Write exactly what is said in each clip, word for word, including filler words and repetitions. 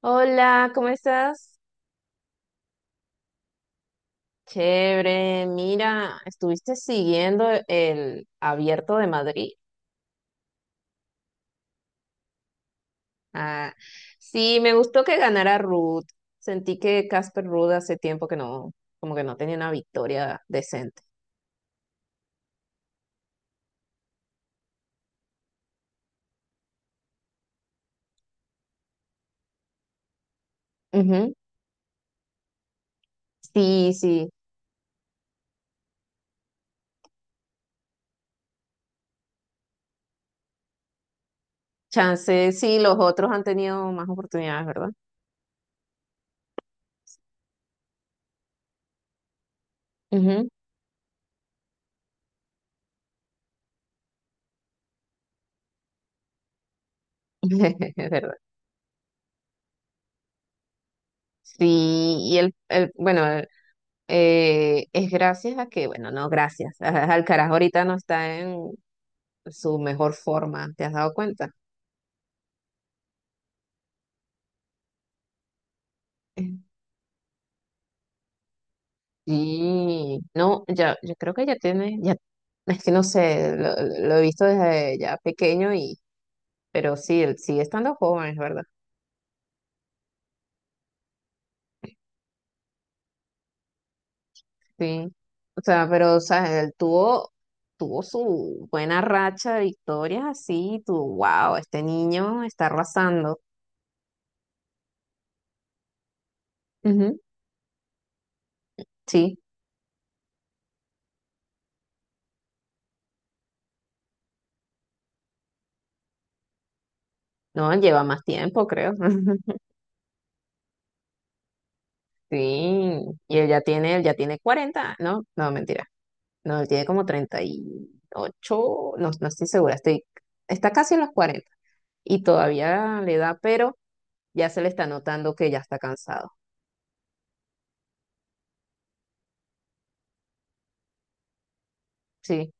Hola, ¿cómo estás? Chévere, mira, ¿estuviste siguiendo el Abierto de Madrid? Ah, sí, me gustó que ganara Ruth. Sentí que Casper Ruud hace tiempo que no, como que no tenía una victoria decente. Ujú. Sí, sí, chance, sí, los otros han tenido más oportunidades, ¿verdad? Ujú. Es verdad. Sí, y el, el- bueno, el- eh, es gracias a que, bueno, no, gracias. Alcaraz ahorita no está en su mejor forma, ¿te has dado cuenta? Eh, Sí, no, ya, yo creo que ya tiene, ya, es que no sé, lo, lo he visto desde ya pequeño y, pero sí, él sigue estando joven, es verdad. Sí. O sea, pero, o sea, él tuvo, tuvo su buena racha de victorias así, tú, wow, este niño está arrasando. Ujú. Sí, no, él lleva más tiempo, creo. Sí, y él ya tiene, él ya tiene cuarenta, ¿no? No, mentira. No, él tiene como treinta y ocho no, no estoy segura, estoy, está casi en los cuarenta y todavía le da, pero ya se le está notando que ya está cansado. Sí,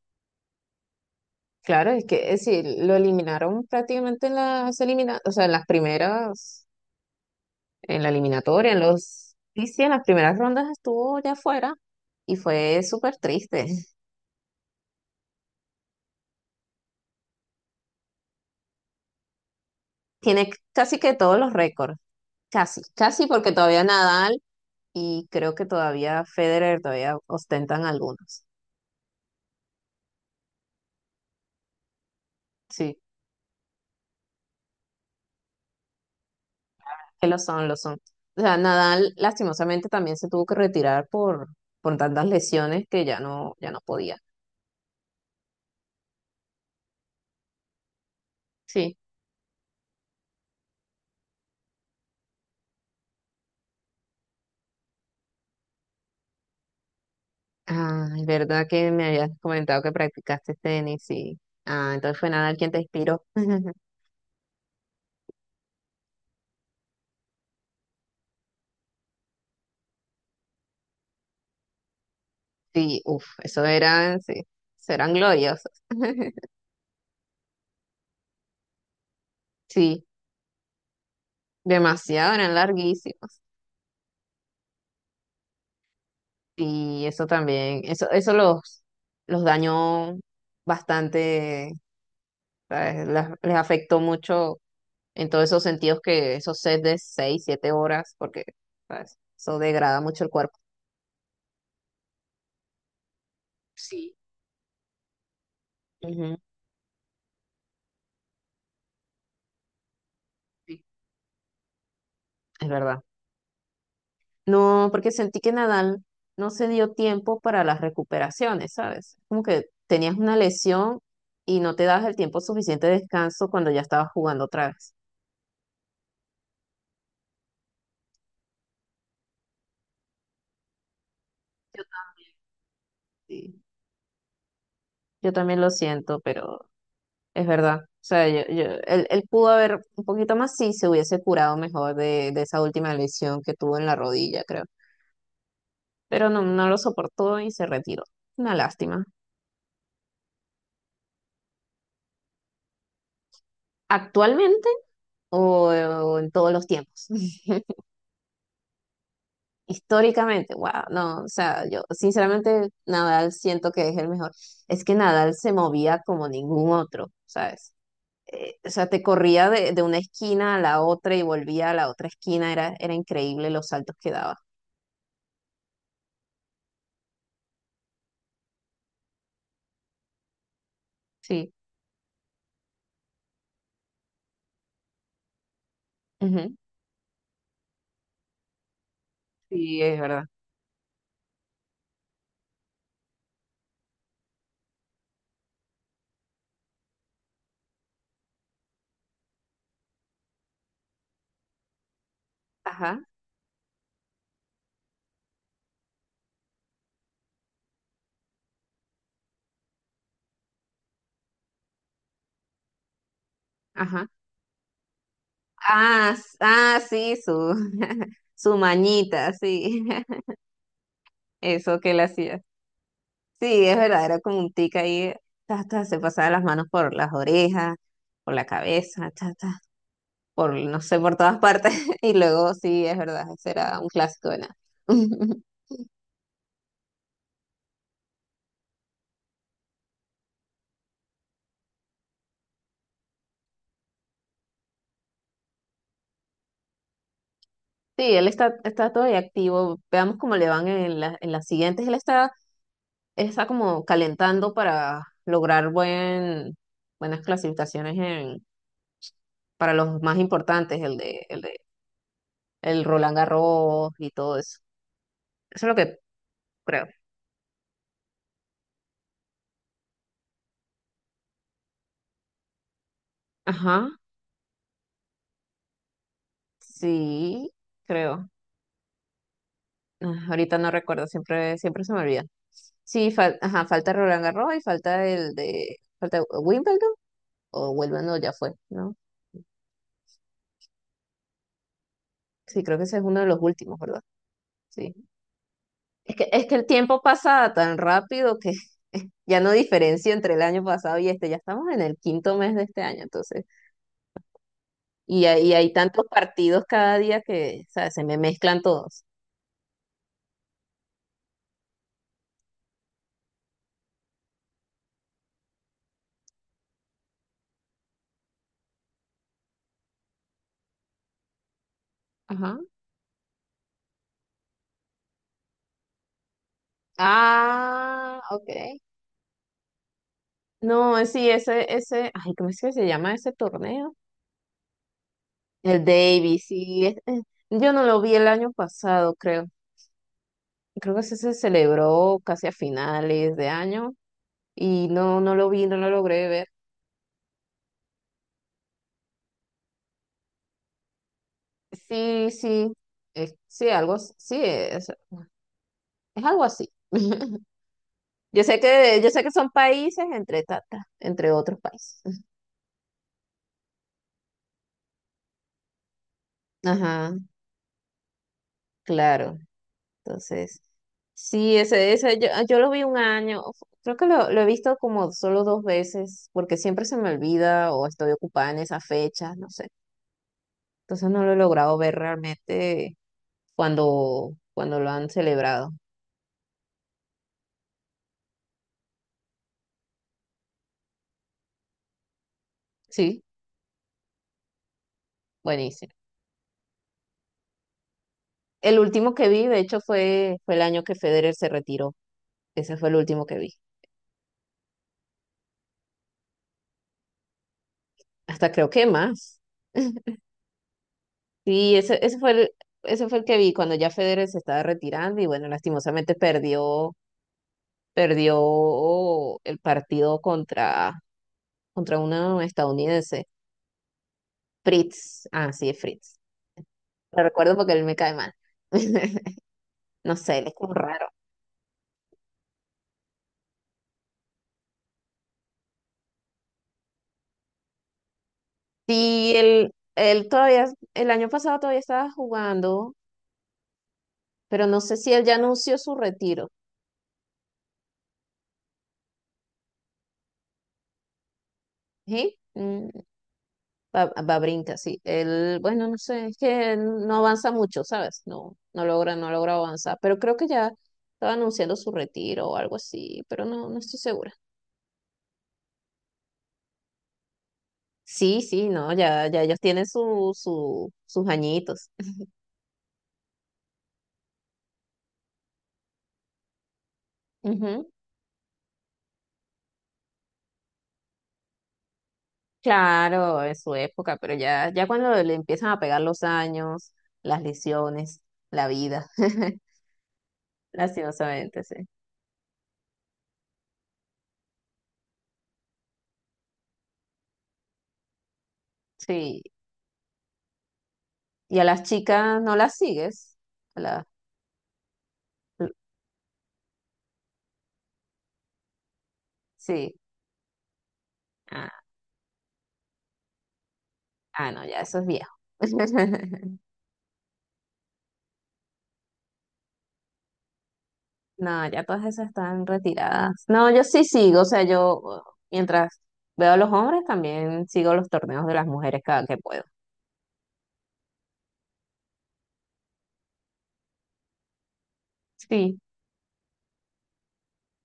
claro, es que es decir, lo eliminaron prácticamente en las elimina, o sea, en las primeras, en la eliminatoria, en los, sí, sí, en las primeras rondas estuvo ya fuera y fue súper triste. Tiene c- casi que todos los récords, casi, casi porque todavía Nadal y creo que todavía Federer todavía ostentan algunos. Sí. Que lo son, lo son. O sea, Nadal lastimosamente también se tuvo que retirar por, por tantas lesiones que ya no, ya no podía. Sí. Ah, es verdad que me habías comentado que practicaste tenis, sí. Ah, entonces fue Nadal quien te inspiró. Sí, uff, eso eran, sí, eso eran gloriosos. Sí, demasiado, eran larguísimos. Y eso también, eso, eso los, los dañó bastante, ¿sabes? Las- les afectó mucho en todos esos sentidos que esos sets de seis, siete horas, porque ¿sabes? Eso degrada mucho el cuerpo. Sí. Ujú, sí. Es verdad. No, porque sentí que Nadal no se dio tiempo para las recuperaciones, ¿sabes? Como que tenías una lesión y no te das el tiempo suficiente de descanso cuando ya estabas jugando otra vez. Yo Sí, yo también lo siento, pero es verdad. O sea, yo, yo- él, él pudo haber un poquito más si se hubiese curado mejor de, de esa última lesión que tuvo en la rodilla, creo. Pero no, no lo soportó y se retiró. Una lástima. ¿Actualmente o, o en todos los tiempos? Históricamente, wow, no, o sea, yo sinceramente Nadal siento que es el mejor. Es que Nadal se movía como ningún otro, ¿sabes? Eh, o sea, te corría de, de una esquina a la otra y volvía a la otra esquina, era, era increíble los saltos que daba. Sí, ujú. Sí, es verdad. Ajá, ajá. Ah, s- ah, sí, su, su mañita, sí. Eso que él hacía. Sí, es verdad, era como un tic ahí, ta, ta, se pasaba las manos por las orejas, por la cabeza, ta, ta, por, no sé, por todas partes. Y luego, sí, es verdad, ese era un clásico de nada. Sí, él está, está todavía activo. Veamos cómo le van en, la- en las siguientes. Él está, está como calentando para lograr buen, buenas clasificaciones en, para los más importantes, el de, el de el Roland Garros y todo eso. Eso es lo que creo. Ajá. Sí, creo. Ah, ahorita no recuerdo, siempre, siempre se me olvida. Sí, fal- ajá, falta Roland Garros y falta el de, falta Wimbledon o Wimbledon no, ya fue, ¿no? Sí, creo que ese es uno de los últimos, ¿verdad? Sí. Es que, es que el tiempo pasa tan rápido que ya no diferencio entre el año pasado y este, ya estamos en el quinto mes de este año, entonces, y hay, hay tantos partidos cada día que, o sea, se me mezclan todos. Ajá. Ah, ok. No, eh, sí, ese, ese, ay, ¿cómo es que se llama ese torneo? El Davis, sí, es- eh, yo no lo vi el año pasado, creo. Creo que ese se celebró casi a finales de año y no, no lo vi, no lo logré ver. Sí, sí, eh, sí, algo, as- sí, es, es algo así. Yo sé que, yo sé que son países entre tata, entre otros países. Ajá, claro. Entonces. Sí, ese, ese, yo, yo lo vi un año, creo que lo, lo he visto como solo dos veces, porque siempre se me olvida o estoy ocupada en esa fecha, no sé. Entonces no lo he logrado ver realmente cuando, cuando lo han celebrado. Sí, buenísimo. El último que vi, de hecho, fue, fue el año que Federer se retiró. Ese fue el último que vi. Hasta creo que más. Sí, ese, ese fue el, ese fue el que vi cuando ya Federer se estaba retirando y bueno, lastimosamente perdió perdió el partido contra, contra una estadounidense, Fritz. Ah, sí, es Fritz. Lo recuerdo porque él me cae mal. No sé, él es como raro. Sí, él, él todavía, el año pasado todavía estaba jugando, pero no sé si él ya anunció su retiro. ¿Sí? Mm, Ba- Babrinka, sí. Él, bueno, no sé, es que él no avanza mucho, ¿sabes? No, no logra, no logra avanzar, pero creo que ya estaba anunciando su retiro o algo así, pero no, no estoy segura. Sí, sí, no, ya, ya ellos tienen su, su, sus añitos. Ujú. Claro, en su época, pero ya, ya cuando le empiezan a pegar los años, las lesiones, la vida, lastimosamente, sí. Sí, y a las chicas no las sigues. A la- sí, ah, ah, no, ya eso es viejo. No, ya todas esas están retiradas. No, yo sí sigo, o sea, yo uh, mientras veo a los hombres, también sigo los torneos de las mujeres cada que puedo. Sí.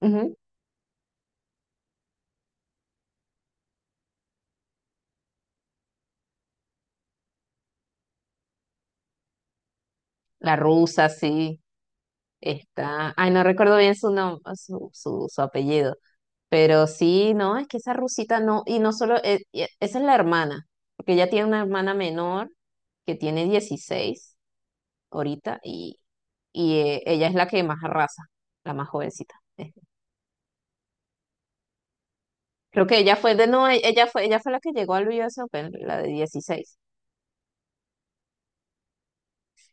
Ujú. La rusa, sí, está. Ay, no recuerdo bien su nombre, su, su, su apellido. Pero sí, no, es que esa rusita no, y no solo, e- e- esa es la hermana, porque ella tiene una hermana menor que tiene dieciséis ahorita y, y eh, ella es la que más arrasa, la más jovencita. Eh, Creo que ella fue de, no, e- ella fue, ella fue la que llegó al U S Open, la de dieciséis.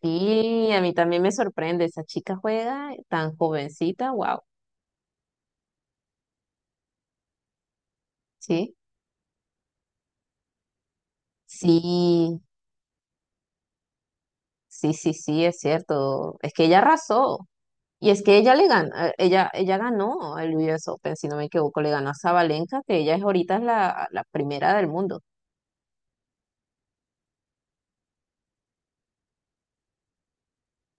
Sí, a mí también me sorprende, esa chica juega tan jovencita, wow, sí. Sí, sí, sí, sí, es cierto. Es que ella arrasó. Y es que ella le ganó, ella, ella ganó el U S Open, si no me equivoco, le ganó a Sabalenka, que ella es ahorita es la, la primera del mundo.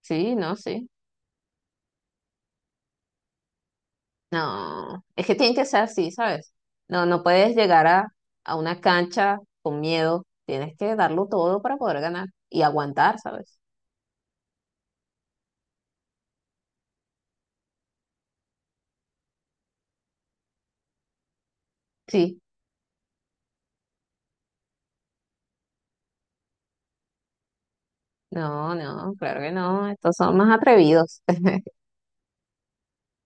Sí, no, sí. No, es que tiene que ser así, ¿sabes? No, no puedes llegar a, a una cancha con miedo. Tienes que darlo todo para poder ganar y aguantar, ¿sabes? Sí. No, no, claro que no. Estos son más atrevidos.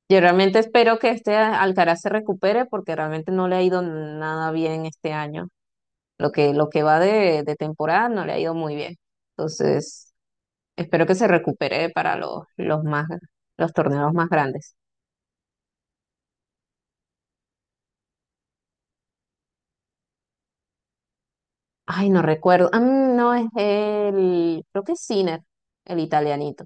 Yo realmente espero que este Alcaraz se recupere porque realmente no le ha ido nada bien este año. Lo que, lo que va de, de temporada no le ha ido muy bien. Entonces, espero que se recupere para los, los más, los torneos más grandes. Ay, no recuerdo. Ah, mm, no, es el, creo que es Sinner, el italianito.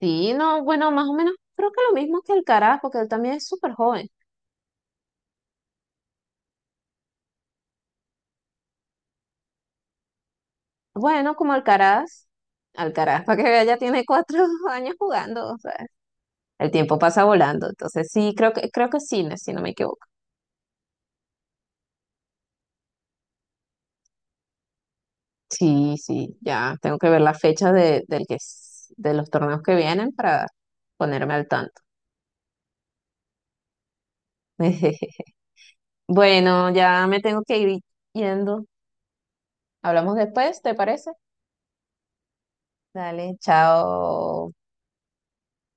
Sí, no, bueno, más o menos creo que lo mismo que Alcaraz, porque él también es súper joven. Bueno, como Alcaraz, Alcaraz, para que vea, ya tiene cuatro años jugando, o sea. El tiempo pasa volando, entonces sí, creo que, creo que es cine, si no me equivoco. Sí, sí, ya tengo que ver la fecha de, del que, es- de los torneos que vienen para ponerme al tanto. Bueno, ya me tengo que ir yendo. Hablamos después, ¿te parece? Dale, chao.